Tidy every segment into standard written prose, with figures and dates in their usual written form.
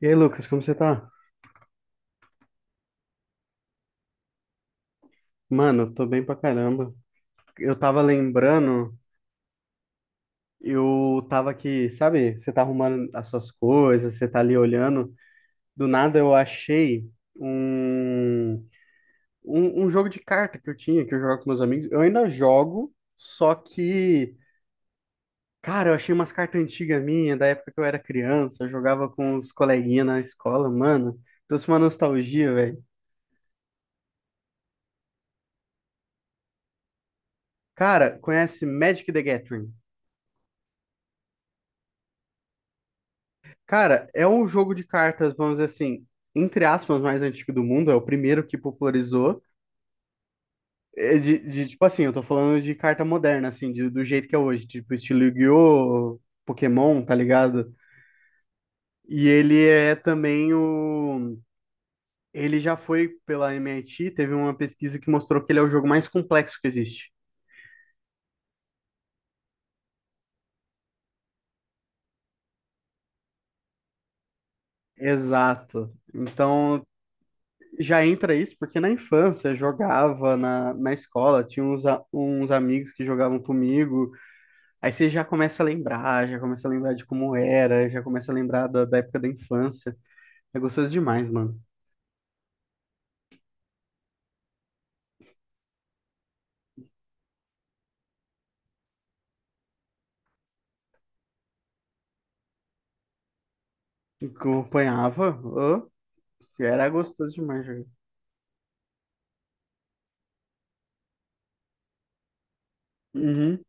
E aí, Lucas, como você tá? Mano, eu tô bem pra caramba. Eu tava lembrando, eu tava aqui, sabe? Você tá arrumando as suas coisas, você tá ali olhando. Do nada eu achei um, um jogo de carta que eu tinha, que eu jogava com meus amigos. Eu ainda jogo, só que, cara, eu achei umas cartas antigas minhas, da época que eu era criança, eu jogava com os coleguinhas na escola, mano. Trouxe uma nostalgia, velho. Cara, conhece Magic the Gathering? Cara, é um jogo de cartas, vamos dizer assim, entre aspas, mais antigo do mundo, é o primeiro que popularizou. É tipo assim, eu tô falando de carta moderna, assim, do jeito que é hoje, tipo estilo Yu-Gi-Oh!, Pokémon, tá ligado? E ele é também o. Ele já foi pela MIT, teve uma pesquisa que mostrou que ele é o jogo mais complexo que existe. Exato. Então já entra isso, porque na infância eu jogava na escola, tinha uns, uns amigos que jogavam comigo. Aí você já começa a lembrar, já começa a lembrar de como era, já começa a lembrar da época da infância. É gostoso demais, mano. Acompanhava, ô, era gostoso demais jogar. Uhum.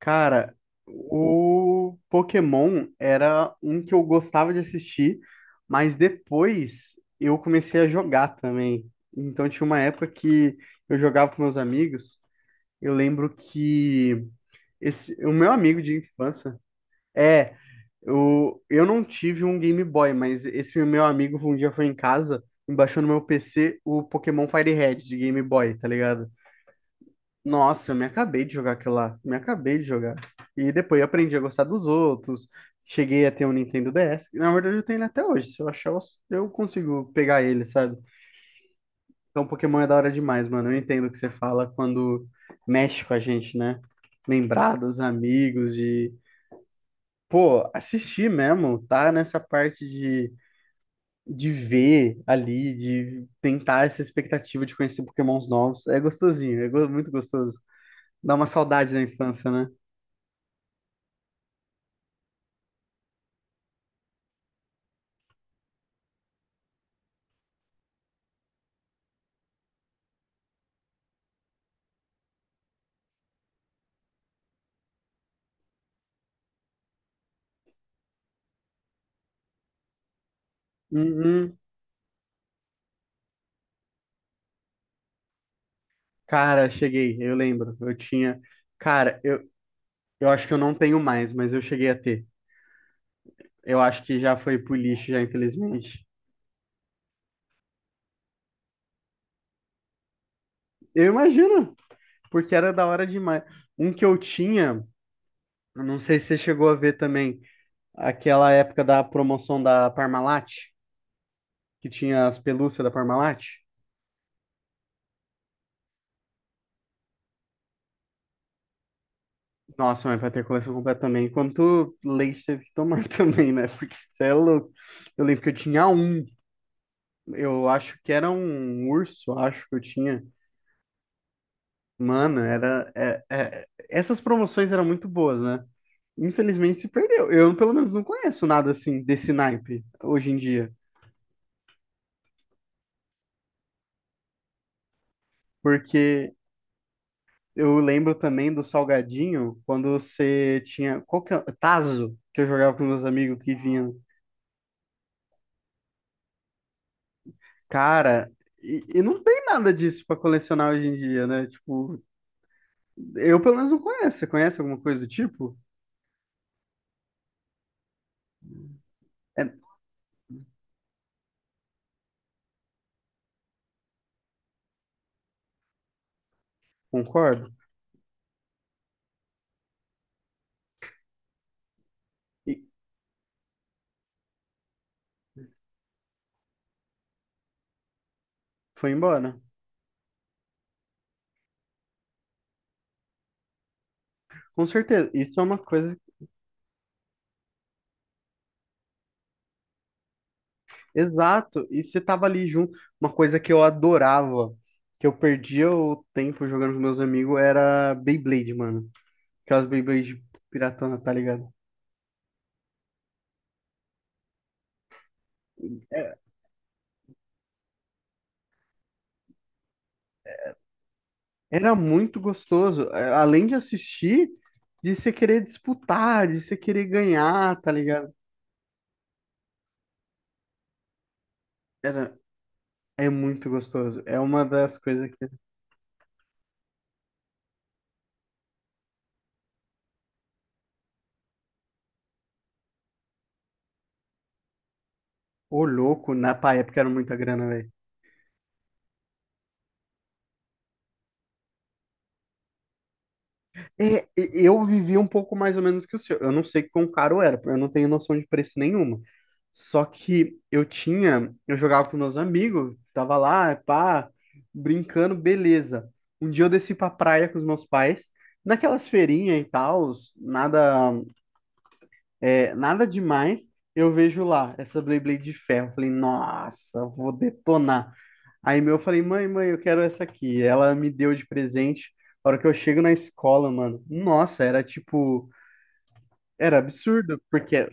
Cara, o Pokémon era um que eu gostava de assistir, mas depois eu comecei a jogar também. Então tinha uma época que eu jogava com meus amigos. Eu lembro que esse, o meu amigo de infância, é, eu não tive um Game Boy, mas esse meu amigo um dia foi em casa e baixou no meu PC o Pokémon FireRed de Game Boy, tá ligado? Nossa, eu me acabei de jogar aquilo lá, me acabei de jogar. E depois eu aprendi a gostar dos outros, cheguei a ter um Nintendo DS, que, na verdade eu tenho ele até hoje, se eu achar eu consigo pegar ele, sabe? Então Pokémon é da hora demais, mano, eu entendo o que você fala quando mexe com a gente, né? Lembrar dos amigos, de pô, assistir mesmo, tá nessa parte de ver ali, de tentar essa expectativa de conhecer Pokémons novos. É gostosinho, muito gostoso. Dá uma saudade da infância, né? Uhum. Cara, cheguei, eu lembro. Eu tinha. Cara, eu acho que eu não tenho mais, mas eu cheguei a ter. Eu acho que já foi pro lixo, já, infelizmente. Eu imagino, porque era da hora demais. Um que eu tinha, eu não sei se você chegou a ver também, aquela época da promoção da Parmalat, que tinha as pelúcias da Parmalat. Nossa, mas pra ter a coleção completa também. Quanto leite teve que tomar também, né? Porque cê é louco. Eu lembro que eu tinha um. Eu acho que era um urso, acho que eu tinha. Mano, era. Essas promoções eram muito boas, né? Infelizmente se perdeu. Eu, pelo menos, não conheço nada assim desse naipe hoje em dia. Porque eu lembro também do salgadinho, quando você tinha. Qual que é? Tazo, que eu jogava com meus amigos que vinham. Cara, e não tem nada disso pra colecionar hoje em dia, né? Tipo, eu pelo menos não conheço. Você conhece alguma coisa do tipo? É, concordo. E foi embora. Com certeza. Isso é uma coisa. Exato. E você tava ali junto. Uma coisa que eu adorava, que eu perdia o tempo jogando com meus amigos, era Beyblade, mano. Aquelas Beyblade piratona, tá ligado? Era muito gostoso. É, além de assistir, de você querer disputar, de você querer ganhar, tá ligado? Era, é muito gostoso. É uma das coisas que. Ô, louco, na pá, época era muita grana, velho. É, eu vivi um pouco mais ou menos que o seu. Eu não sei quão caro era, eu não tenho noção de preço nenhuma. Só que eu tinha. Eu jogava com meus amigos, tava lá, pá, brincando, beleza. Um dia eu desci pra praia com os meus pais, naquelas feirinhas e tal, nada. É, nada demais. Eu vejo lá essa Beyblade de ferro. Falei, nossa, vou detonar. Aí meu, eu falei, mãe, mãe, eu quero essa aqui. Ela me deu de presente. A hora que eu chego na escola, mano, nossa, era tipo, era absurdo, porque,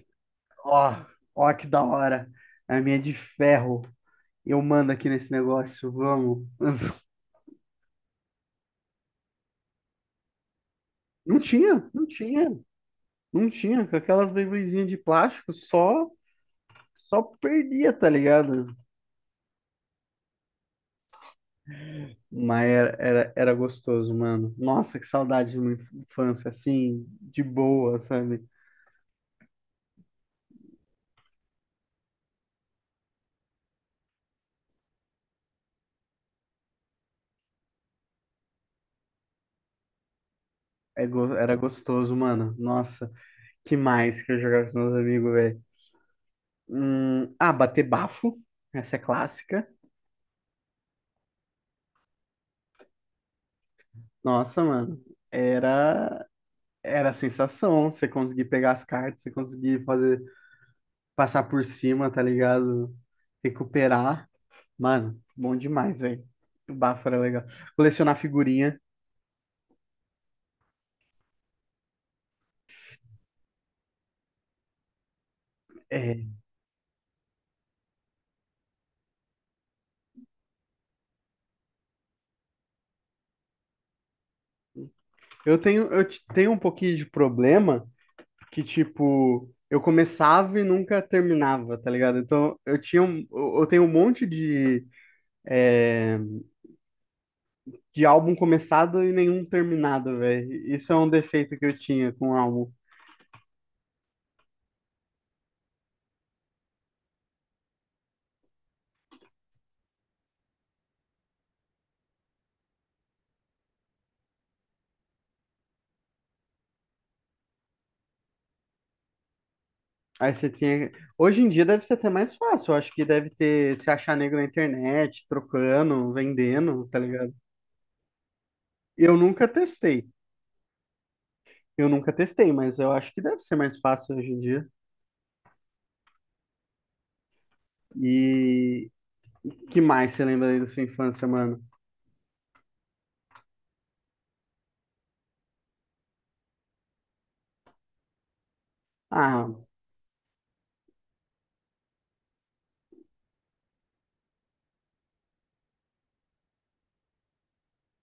ó, ó que da hora. A minha é de ferro. Eu mando aqui nesse negócio, vamos. não tinha, não tinha, não tinha. Com aquelas Beybladezinhas de plástico, só, só perdia, tá ligado? Mas era gostoso, mano. Nossa, que saudade de uma infância assim, de boa, sabe? Era gostoso, mano. Nossa, que mais que eu jogava com os meus amigos, velho. Ah, bater bafo. Essa é clássica. Nossa, mano. Era, era a sensação. Você conseguir pegar as cartas, você conseguir fazer, passar por cima, tá ligado? Recuperar. Mano, bom demais, velho. O bafo era legal. Colecionar figurinha. É, eu tenho, tenho um pouquinho de problema que, tipo, eu começava e nunca terminava, tá ligado? Então, eu tinha um, eu tenho um monte de, é, de álbum começado e nenhum terminado, velho. Isso é um defeito que eu tinha com o álbum. Aí você tinha. Hoje em dia deve ser até mais fácil. Eu acho que deve ter se achar nego na internet, trocando, vendendo, tá ligado? Eu nunca testei. Eu nunca testei, mas eu acho que deve ser mais fácil hoje em dia. E que mais você lembra aí da sua infância, mano? Ah,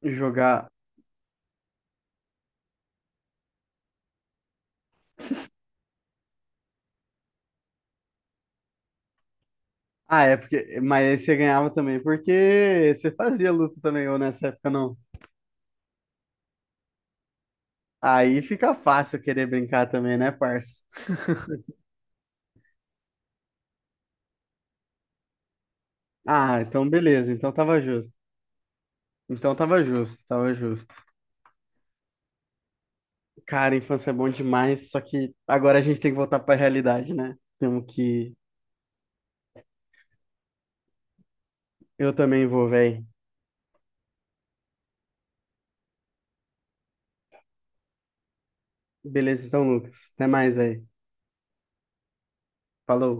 jogar. Ah, é porque. Mas aí você ganhava também porque você fazia luta também, ou nessa época não. Aí fica fácil querer brincar também, né, parça? Ah, então beleza, então tava justo. Então tava justo, tava justo. Cara, a infância é bom demais, só que agora a gente tem que voltar pra realidade, né? Temos que. Eu também vou, velho. Beleza, então, Lucas. Até mais, velho. Falou.